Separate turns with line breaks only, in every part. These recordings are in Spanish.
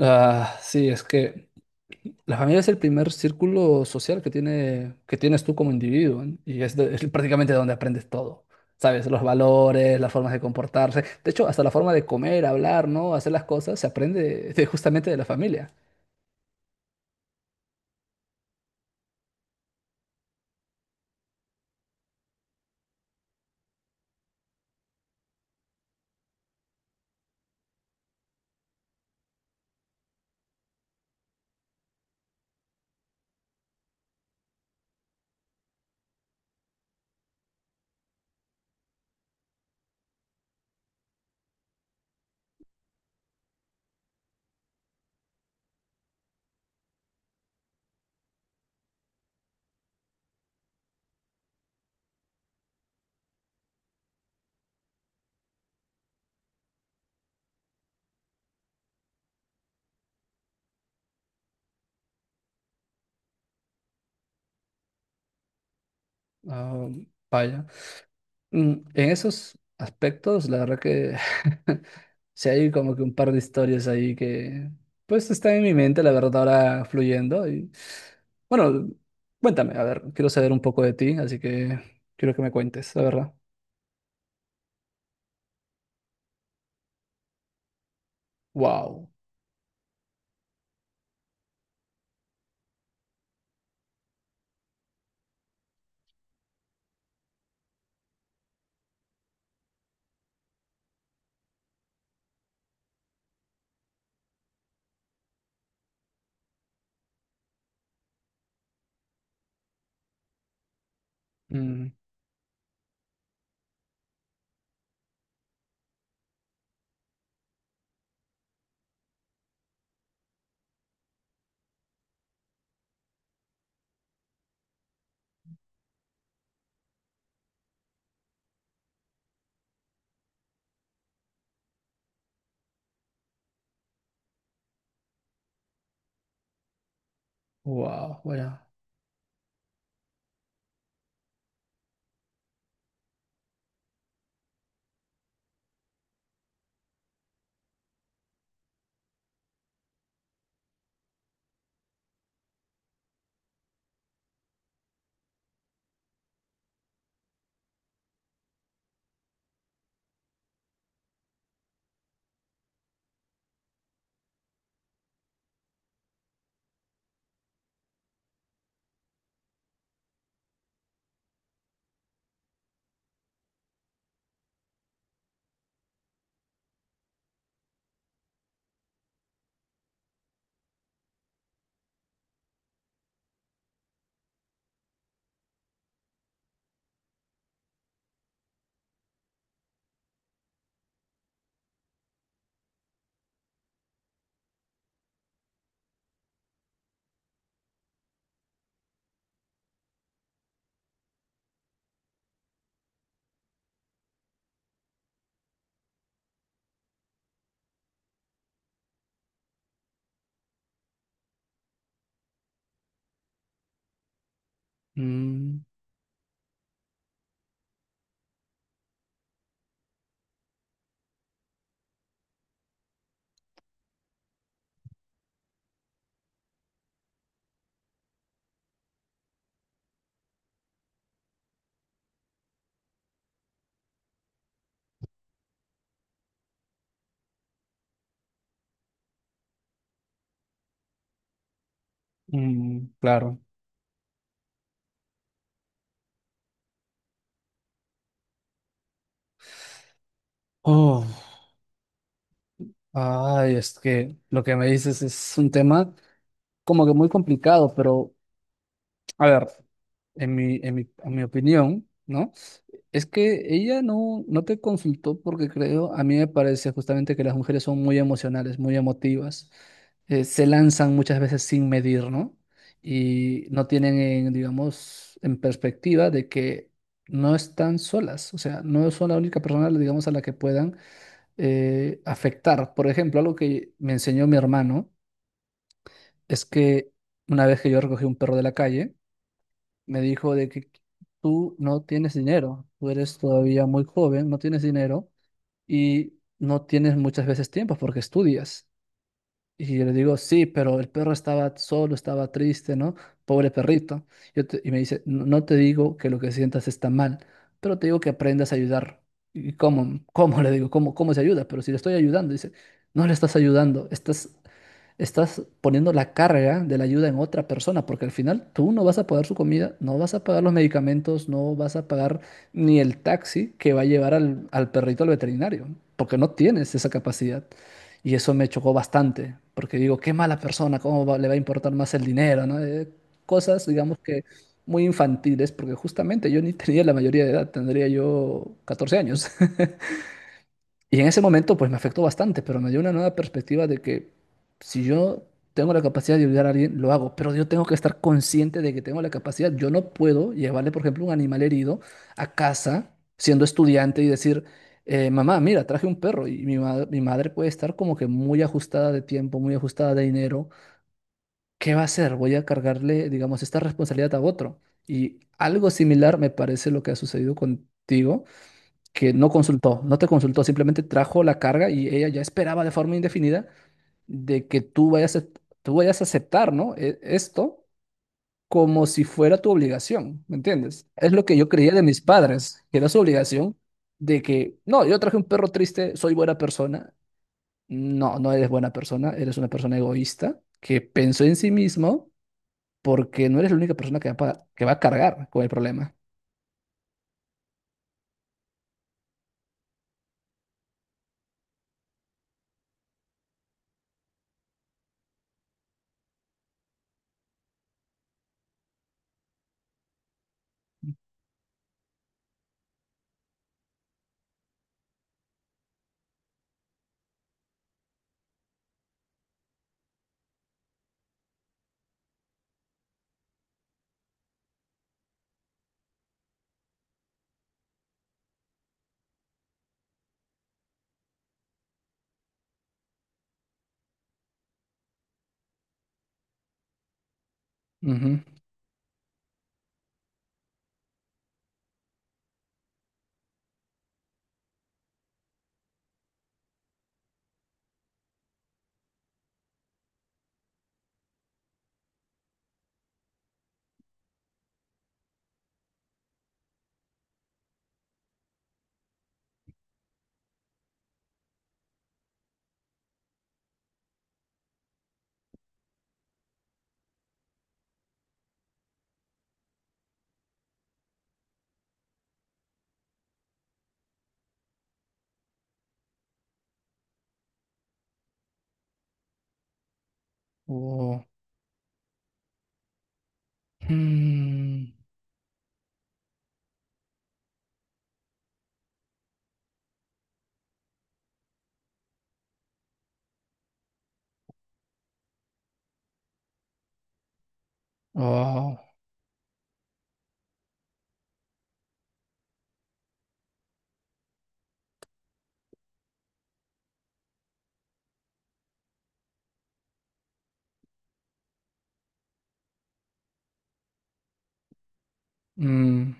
Ah, sí, es que la familia es el primer círculo social que tiene, que tienes tú como individuo, ¿eh? Y es, es prácticamente donde aprendes todo, ¿sabes? Los valores, las formas de comportarse, de hecho, hasta la forma de comer, hablar, ¿no? Hacer las cosas, se aprende justamente de la familia. Ah, vaya. En esos aspectos, la verdad que sí hay como que un par de historias ahí que pues están en mi mente, la verdad, ahora fluyendo. Y bueno, cuéntame, a ver, quiero saber un poco de ti, así que quiero que me cuentes, la verdad. Wow. Mm, wow, vaya. Mm, mm, claro. Oh, ay, es que lo que me dices es un tema como que muy complicado, pero a ver. En mi opinión, ¿no? Es que ella no te consultó porque creo, a mí me parece justamente que las mujeres son muy emocionales, muy emotivas, se lanzan muchas veces sin medir, ¿no? Y no tienen, en, digamos, en perspectiva de que no están solas, o sea, no son la única persona, digamos, a la que puedan afectar. Por ejemplo, algo que me enseñó mi hermano es que una vez que yo recogí un perro de la calle, me dijo de que tú no tienes dinero, tú eres todavía muy joven, no tienes dinero y no tienes muchas veces tiempo porque estudias. Y yo le digo, sí, pero el perro estaba solo, estaba triste, ¿no? Pobre perrito. Y me dice, no te digo que lo que sientas está mal, pero te digo que aprendas a ayudar. ¿Y cómo? ¿Cómo le digo? ¿Cómo se ayuda? Pero si le estoy ayudando, dice, no le estás ayudando, estás poniendo la carga de la ayuda en otra persona, porque al final tú no vas a pagar su comida, no vas a pagar los medicamentos, no vas a pagar ni el taxi que va a llevar al perrito al veterinario, porque no tienes esa capacidad. Y eso me chocó bastante, porque digo, qué mala persona, cómo le va a importar más el dinero, ¿no? Cosas, digamos que muy infantiles, porque justamente yo ni tenía la mayoría de edad, tendría yo 14 años. Y en ese momento, pues me afectó bastante, pero me dio una nueva perspectiva de que si yo tengo la capacidad de ayudar a alguien, lo hago, pero yo tengo que estar consciente de que tengo la capacidad. Yo no puedo llevarle, por ejemplo, un animal herido a casa siendo estudiante y decir, mamá, mira, traje un perro y mi madre puede estar como que muy ajustada de tiempo, muy ajustada de dinero. ¿Qué va a hacer? Voy a cargarle, digamos, esta responsabilidad a otro. Y algo similar me parece lo que ha sucedido contigo que no consultó, no te consultó, simplemente trajo la carga y ella ya esperaba de forma indefinida de que tú vayas a aceptar, ¿no? Esto como si fuera tu obligación, ¿me entiendes? Es lo que yo creía de mis padres, que era su obligación de que, no, yo traje un perro triste, soy buena persona. No, no eres buena persona, eres una persona egoísta que pensó en sí mismo porque no eres la única persona que que va a cargar con el problema. Ujú. Oh. Mm. Oh. Mm,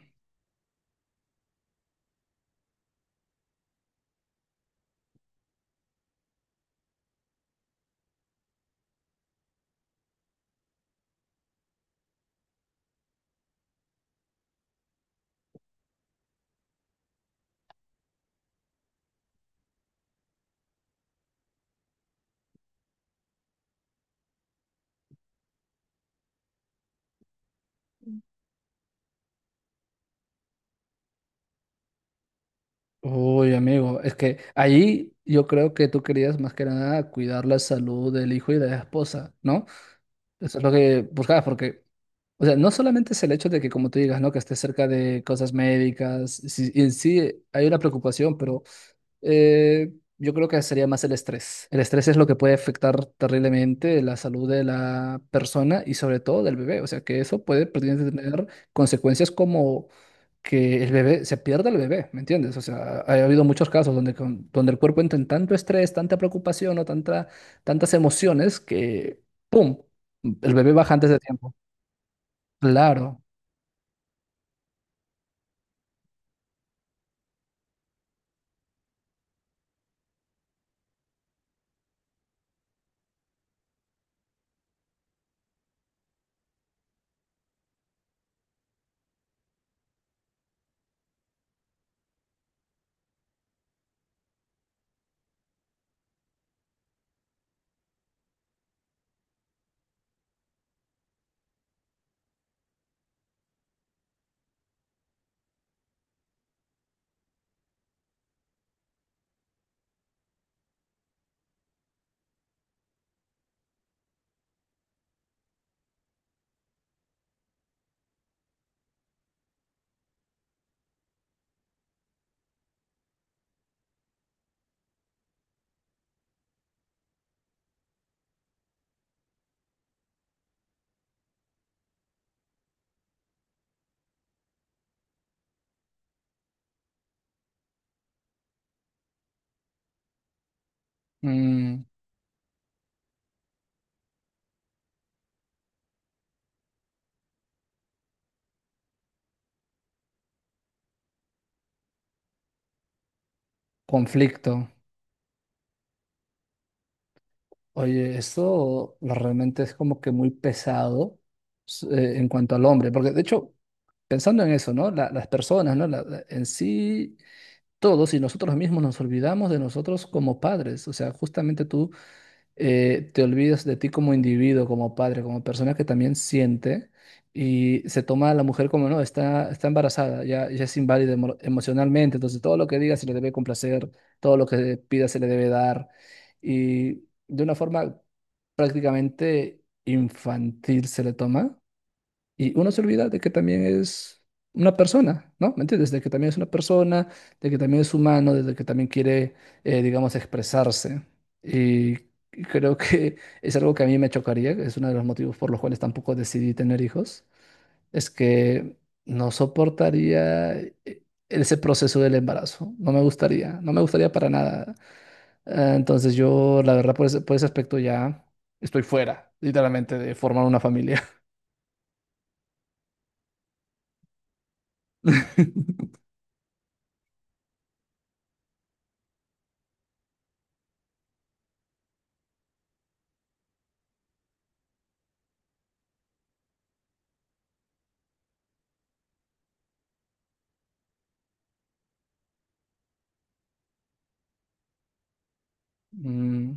uy, amigo, es que allí yo creo que tú querías más que nada cuidar la salud del hijo y de la esposa, ¿no? Eso es lo que buscabas, porque, o sea, no solamente es el hecho de que, como tú digas, ¿no? Que estés cerca de cosas médicas, sí, y en sí hay una preocupación, pero yo creo que sería más el estrés. El estrés es lo que puede afectar terriblemente la salud de la persona y sobre todo del bebé, o sea, que eso puede prácticamente tener consecuencias como que se pierda el bebé, ¿me entiendes? O sea, habido muchos casos donde, donde el cuerpo entra en tanto estrés, tanta preocupación o tantas emociones que, ¡pum!, el bebé baja antes de tiempo. Claro, mm, conflicto. Oye, esto realmente es como que muy pesado en cuanto al hombre, porque de hecho, pensando en eso, ¿no? Las personas, ¿no? En sí, todos y nosotros mismos nos olvidamos de nosotros como padres. O sea, justamente tú te olvidas de ti como individuo, como padre, como persona que también siente y se toma a la mujer como, no, está embarazada, ya es inválida emocionalmente, entonces todo lo que diga se le debe complacer, todo lo que pida se le debe dar y de una forma prácticamente infantil se le toma. Y uno se olvida de que también es una persona, ¿no? ¿Me entiendes? De que también es una persona, de que también es humano, de que también quiere, digamos, expresarse. Y creo que es algo que a mí me chocaría, es uno de los motivos por los cuales tampoco decidí tener hijos, es que no soportaría ese proceso del embarazo, no me gustaría, no me gustaría para nada. Entonces yo, la verdad, por ese aspecto ya estoy fuera, literalmente, de formar una familia. Mm.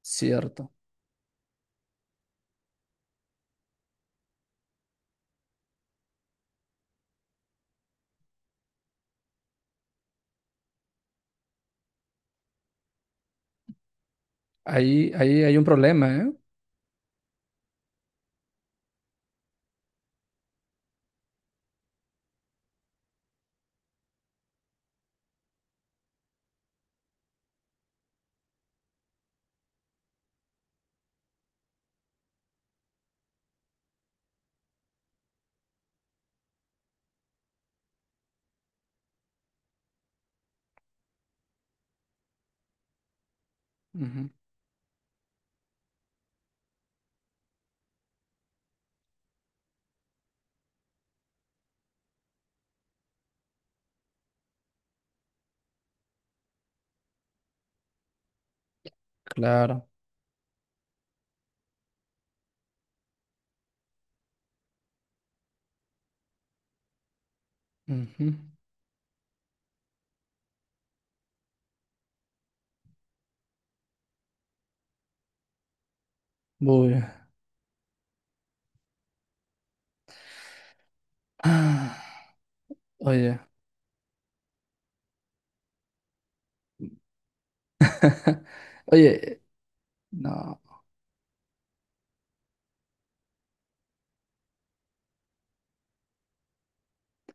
Cierto. Ahí, ahí hay un problema, ¿eh? Ujú, claro. Ujú. Uy. Ah, oye. Oye, no.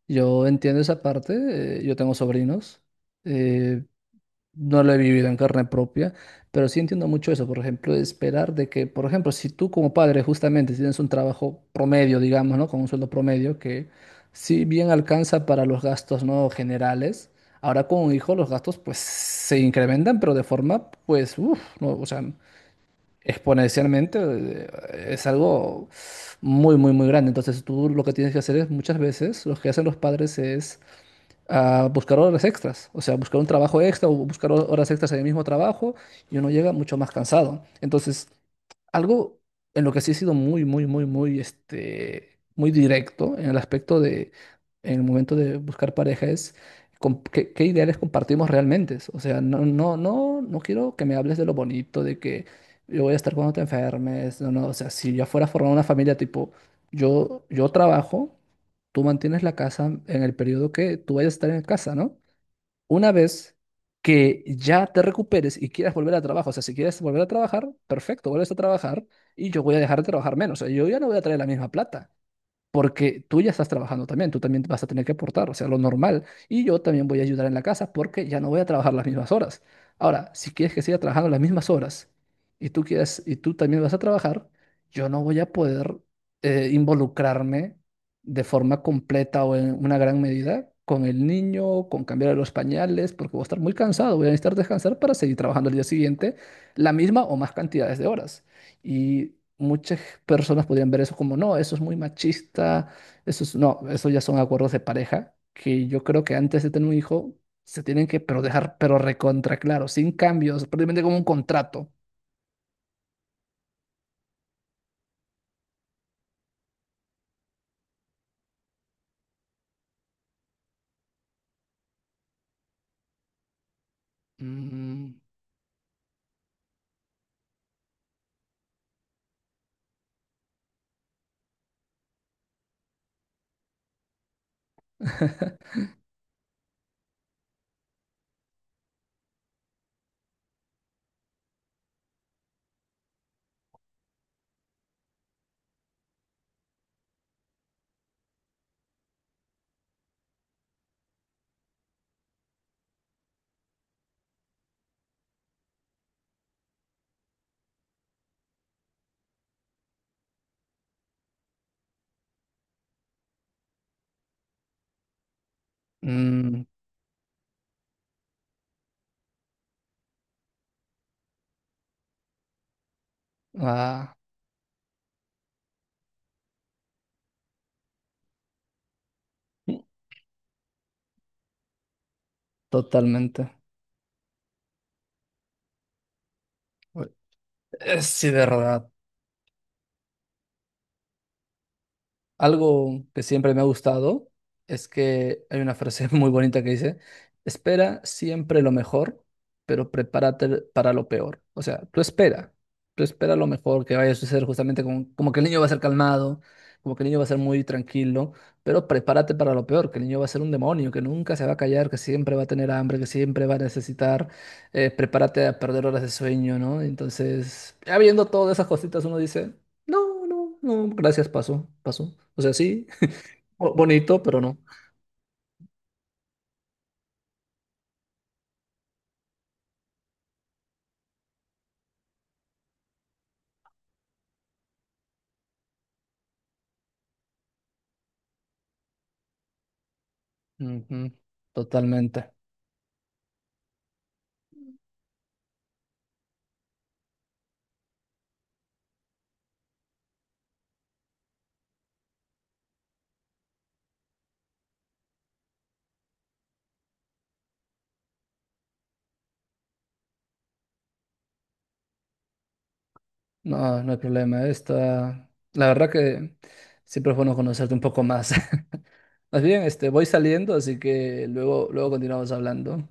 Yo entiendo esa parte. Yo tengo sobrinos. eh, No lo he vivido en carne propia, pero sí entiendo mucho eso, por ejemplo, de esperar de que, por ejemplo, si tú como padre justamente tienes un trabajo promedio, digamos, ¿no? Con un sueldo promedio que si bien alcanza para los gastos, ¿no? generales, ahora con un hijo los gastos pues se incrementan, pero de forma pues, uff, ¿no? O sea, exponencialmente es algo muy grande. Entonces tú lo que tienes que hacer es muchas veces, lo que hacen los padres es a buscar horas extras, o sea, buscar un trabajo extra o buscar horas extras en el mismo trabajo y uno llega mucho más cansado. Entonces, algo en lo que sí he sido muy directo en el aspecto de, en el momento de buscar pareja es qué, qué ideales compartimos realmente. O sea, no quiero que me hables de lo bonito, de que yo voy a estar cuando te enfermes, no, no, o sea, si yo fuera a formar una familia tipo, yo trabajo tú mantienes la casa en el periodo que tú vayas a estar en casa, ¿no? Una vez que ya te recuperes y quieras volver a trabajo, o sea, si quieres volver a trabajar, perfecto, vuelves a trabajar y yo voy a dejar de trabajar menos, o sea, yo ya no voy a traer la misma plata porque tú ya estás trabajando también, tú también vas a tener que aportar, o sea, lo normal, y yo también voy a ayudar en la casa porque ya no voy a trabajar las mismas horas. Ahora, si quieres que siga trabajando las mismas horas y tú quieres y tú también vas a trabajar, yo no voy a poder involucrarme de forma completa o en una gran medida con el niño, con cambiar los pañales, porque voy a estar muy cansado, voy a necesitar descansar para seguir trabajando el día siguiente la misma o más cantidades de horas. Y muchas personas podrían ver eso como, no, eso es muy machista, eso es, no, eso ya son acuerdos de pareja, que yo creo que antes de tener un hijo se tienen que pero dejar, pero recontra claro, sin cambios, prácticamente como un contrato. Mm, mm, ah, totalmente. Sí, de verdad. Algo que siempre me ha gustado es que hay una frase muy bonita que dice, espera siempre lo mejor, pero prepárate para lo peor. O sea, tú espera lo mejor que vaya a suceder justamente como, como que el niño va a ser calmado, como que el niño va a ser muy tranquilo, pero prepárate para lo peor, que el niño va a ser un demonio, que nunca se va a callar, que siempre va a tener hambre, que siempre va a necesitar, prepárate a perder horas de sueño, ¿no? Entonces, ya viendo todas esas cositas uno dice... No, no, no, gracias, pasó, pasó. O sea, sí, bonito, pero no. Ujú, totalmente. No, no hay problema. Esta, la verdad que siempre es bueno conocerte un poco más. Más bien, este, voy saliendo, así que luego, luego continuamos hablando.